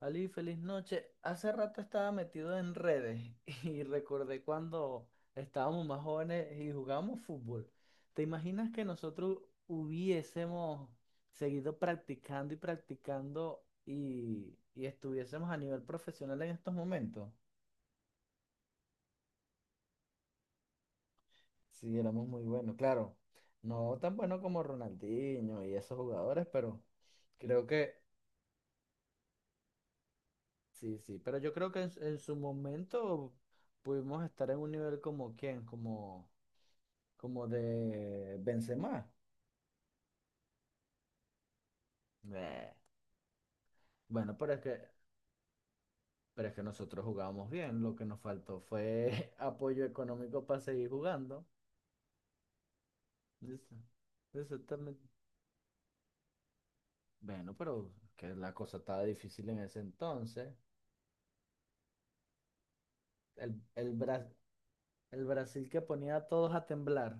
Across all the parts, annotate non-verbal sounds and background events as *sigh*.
Ali, feliz noche. Hace rato estaba metido en redes *laughs* y recordé cuando estábamos más jóvenes y jugábamos fútbol. ¿Te imaginas que nosotros hubiésemos seguido practicando y practicando y estuviésemos a nivel profesional en estos momentos? Sí, éramos muy buenos, claro. No tan buenos como Ronaldinho y esos jugadores, pero creo que sí, sí. Pero yo creo que en su momento pudimos estar en un nivel como quién, como como de Benzema. Eh, Bueno, pero es que nosotros jugábamos bien. Lo que nos faltó fue *laughs* apoyo económico para seguir jugando. Listo. Exactamente. Bueno, pero que la cosa estaba difícil en ese entonces. El, el, Bra- el Brasil que ponía a todos a temblar.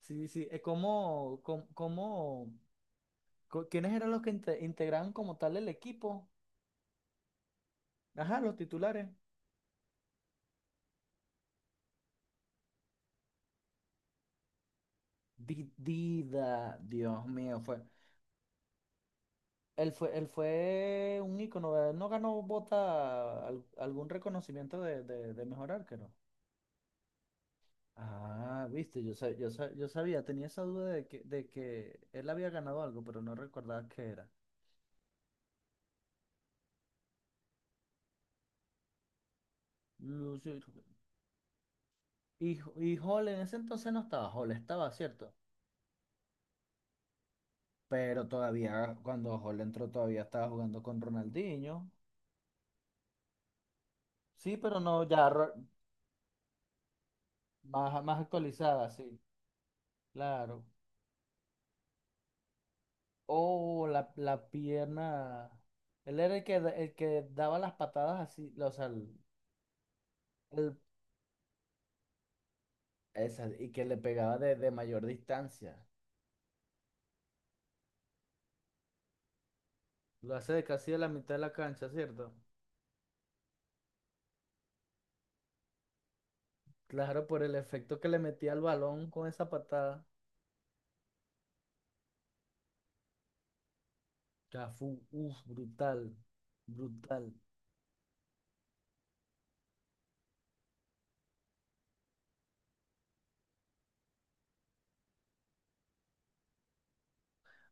Sí, sí. ¿Cómo, quiénes eran los que integraban como tal el equipo? Ajá, los titulares. Dida, Dios mío, fue, él fue, él fue un ícono, ¿verdad? Él no ganó bota, algún reconocimiento de mejor arquero. Ah, viste, yo sabía, tenía esa duda de que él había ganado algo, pero no recordaba qué era. No sé. Y Hall en ese entonces no estaba, Hall estaba, ¿cierto? Pero todavía, cuando Hall entró, todavía estaba jugando con Ronaldinho. Sí, pero no, más, más actualizada, sí, claro. Oh, la pierna. Él era el que, el que daba las patadas así, o sea, el- esa, y que le pegaba de mayor distancia. Lo hace de casi de la mitad de la cancha, ¿cierto? Claro, por el efecto que le metía al balón con esa patada. Ya fue, uf, brutal, brutal.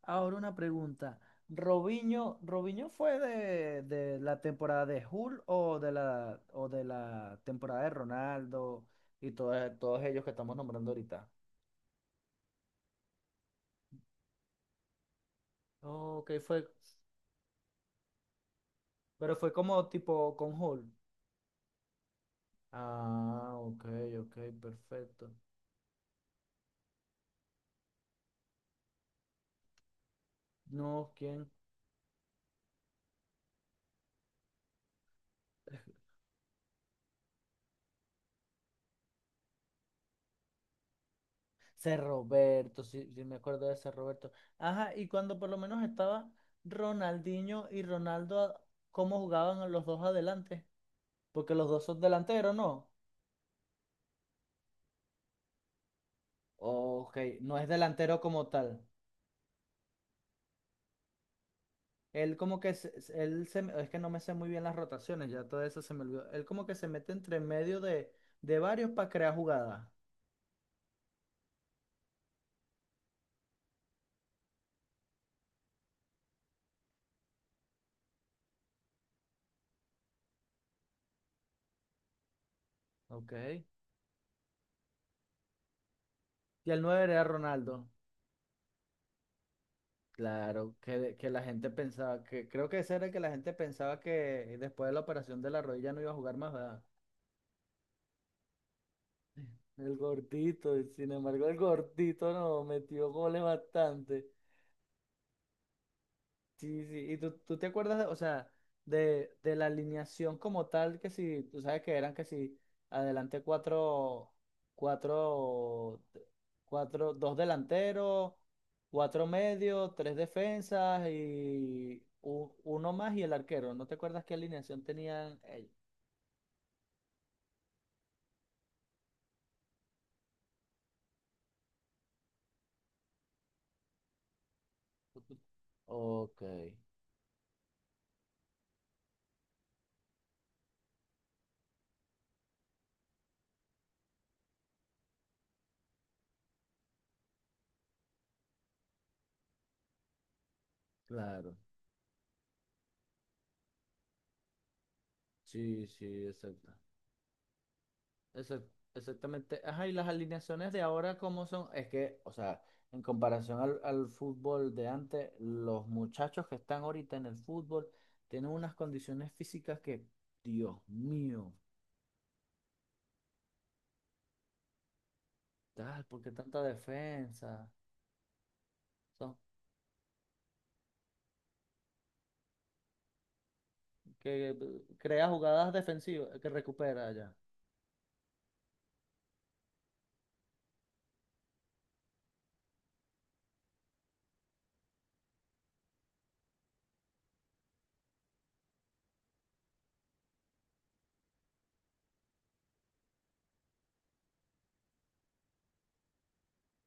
Ahora una pregunta. ¿Robinho, Robinho fue de la temporada de Hull o o de la temporada de Ronaldo? Y todos, todos ellos que estamos nombrando ahorita. Ok, fue, pero fue como tipo con Hall. Ah, ok, ok, perfecto. No, ¿quién? Ser Roberto, sí, sí me acuerdo de Ser Roberto. Ajá, y cuando por lo menos estaba Ronaldinho y Ronaldo, ¿cómo jugaban los dos adelante? Porque los dos son delanteros, ¿no? Ok, no es delantero como tal. Él como que, él se, es que no me sé muy bien las rotaciones, ya todo eso se me olvidó. Él como que se mete entre medio de varios para crear jugadas. Ok. Y el 9 era Ronaldo. Claro, que, que la gente pensaba que, creo que ese era el que la gente pensaba que después de la operación de la rodilla no iba a jugar más, ¿verdad? El gordito, y sin embargo, el gordito no metió goles bastante. Sí, sí, y tú te acuerdas, o sea, de la alineación como tal, que si, tú sabes que eran que si, adelante cuatro, cuatro, cuatro, dos delanteros, cuatro medios, tres defensas y uno más y el arquero. ¿No te acuerdas qué alineación tenían ellos? Ok, claro. Sí, sí, exacto. Exac- Exactamente. Ajá, y las alineaciones de ahora, ¿cómo son? Es que, o sea, en comparación al fútbol de antes, los muchachos que están ahorita en el fútbol tienen unas condiciones físicas que, Dios mío, tal, ¿por qué tanta defensa? Son que crea jugadas defensivas que recupera ya.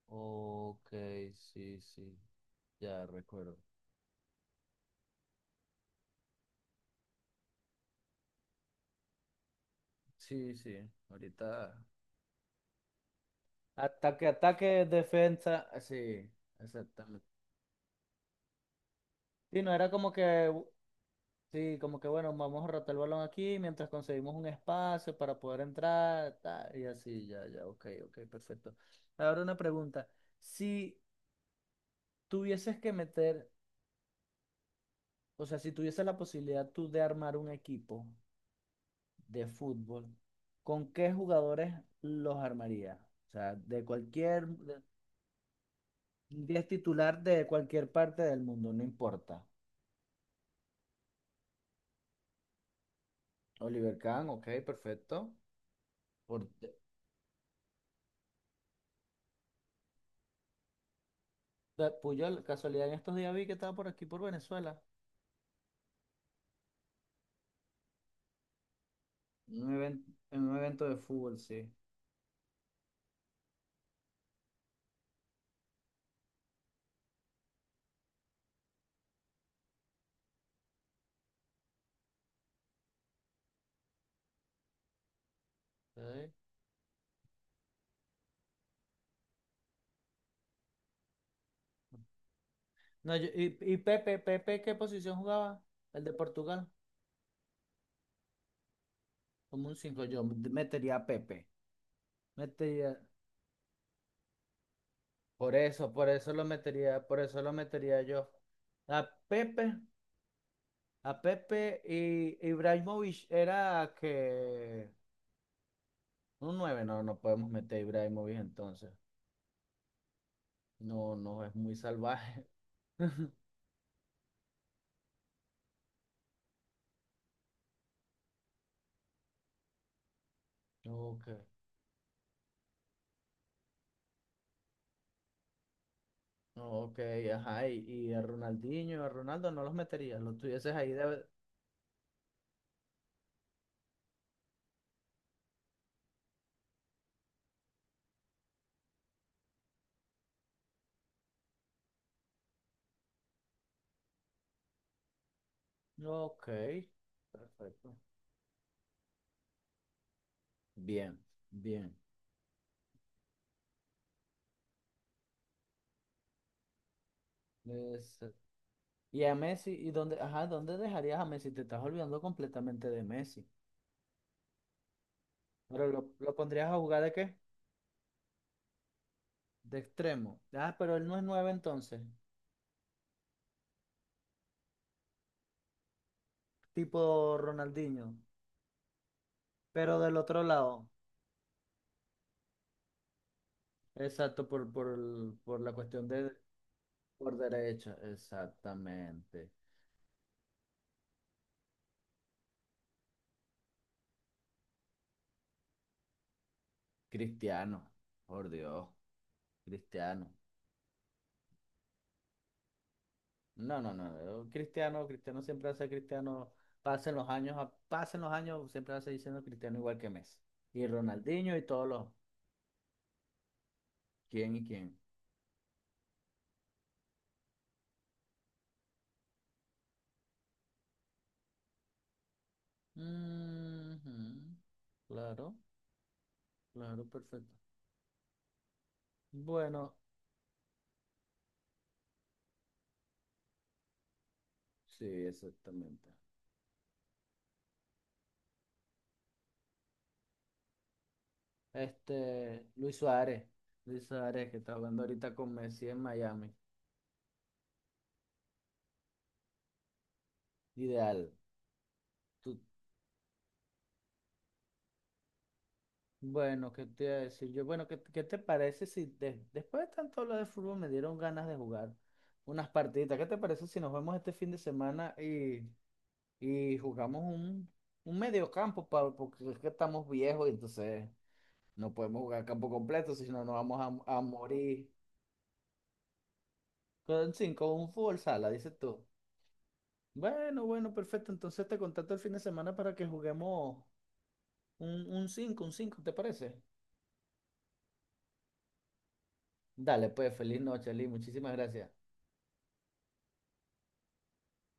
Ok, sí, sí, ya recuerdo. Sí, sí, ahorita. Ataque, ataque, defensa, sí, exactamente. Sí, no era como que sí, como que bueno, vamos a rotar el balón aquí mientras conseguimos un espacio para poder entrar, tal, y así, ya, ya, ok, ok, perfecto. Ahora una pregunta, si tuvieses que meter, o sea, si tuvieses la posibilidad tú de armar un equipo de fútbol, ¿con qué jugadores los armarías? O sea, 10 titular de cualquier parte del mundo, no importa. Oliver Kahn, ok, perfecto. Por, Puyol, casualidad en estos días vi que estaba por aquí, por Venezuela. Un evento, en un evento de fútbol, sí. Ok. No, y Pepe, Pepe, ¿qué posición jugaba? El de Portugal. Como un 5 yo metería a Pepe. Metería. Por eso lo metería, por eso lo metería yo. A Pepe, a Pepe y Ibrahimovic era que un 9 no, no podemos meter a Ibrahimovic entonces. No, no, es muy salvaje. *laughs* Ok. Ok, ajá, y a Ronaldinho y a Ronaldo no los meterías, los tuvieses ahí de Ok, perfecto. Bien, bien. Es- Y a Messi, ¿y dónde, ajá, dónde dejarías a Messi? Te estás olvidando completamente de Messi. Pero lo, ¿lo pondrías a jugar de qué? De extremo. Ah, pero él no es nueve entonces, tipo Ronaldinho. Pero del otro lado. Exacto, por, por la cuestión de Por derecha, exactamente. Cristiano, por Dios, Cristiano. No, no, no. Yo Cristiano, Cristiano siempre hace Cristiano. Pasen los años, pasen los años, siempre hace diciendo Cristiano igual que Messi. Y Ronaldinho y todos los. ¿Quién y quién? Ujú, claro, claro, perfecto. Bueno, sí, exactamente. Este, Luis Suárez. Luis Suárez, que está jugando ahorita con Messi en Miami. Ideal. Tú, bueno, ¿qué te iba a decir yo? Bueno, ¿qué, qué te parece si después de tanto hablar de fútbol me dieron ganas de jugar unas partiditas? ¿Qué te parece si nos vemos este fin de semana y jugamos un mediocampo, Pablo? Porque es que estamos viejos y entonces no podemos jugar campo completo, si no nos vamos a morir con, sí, con un fútbol sala, dices tú. Bueno, bueno, perfecto. Entonces te contacto el fin de semana para que juguemos un 5 un cinco, ¿te parece? Dale, pues, feliz noche, Lee. Muchísimas gracias.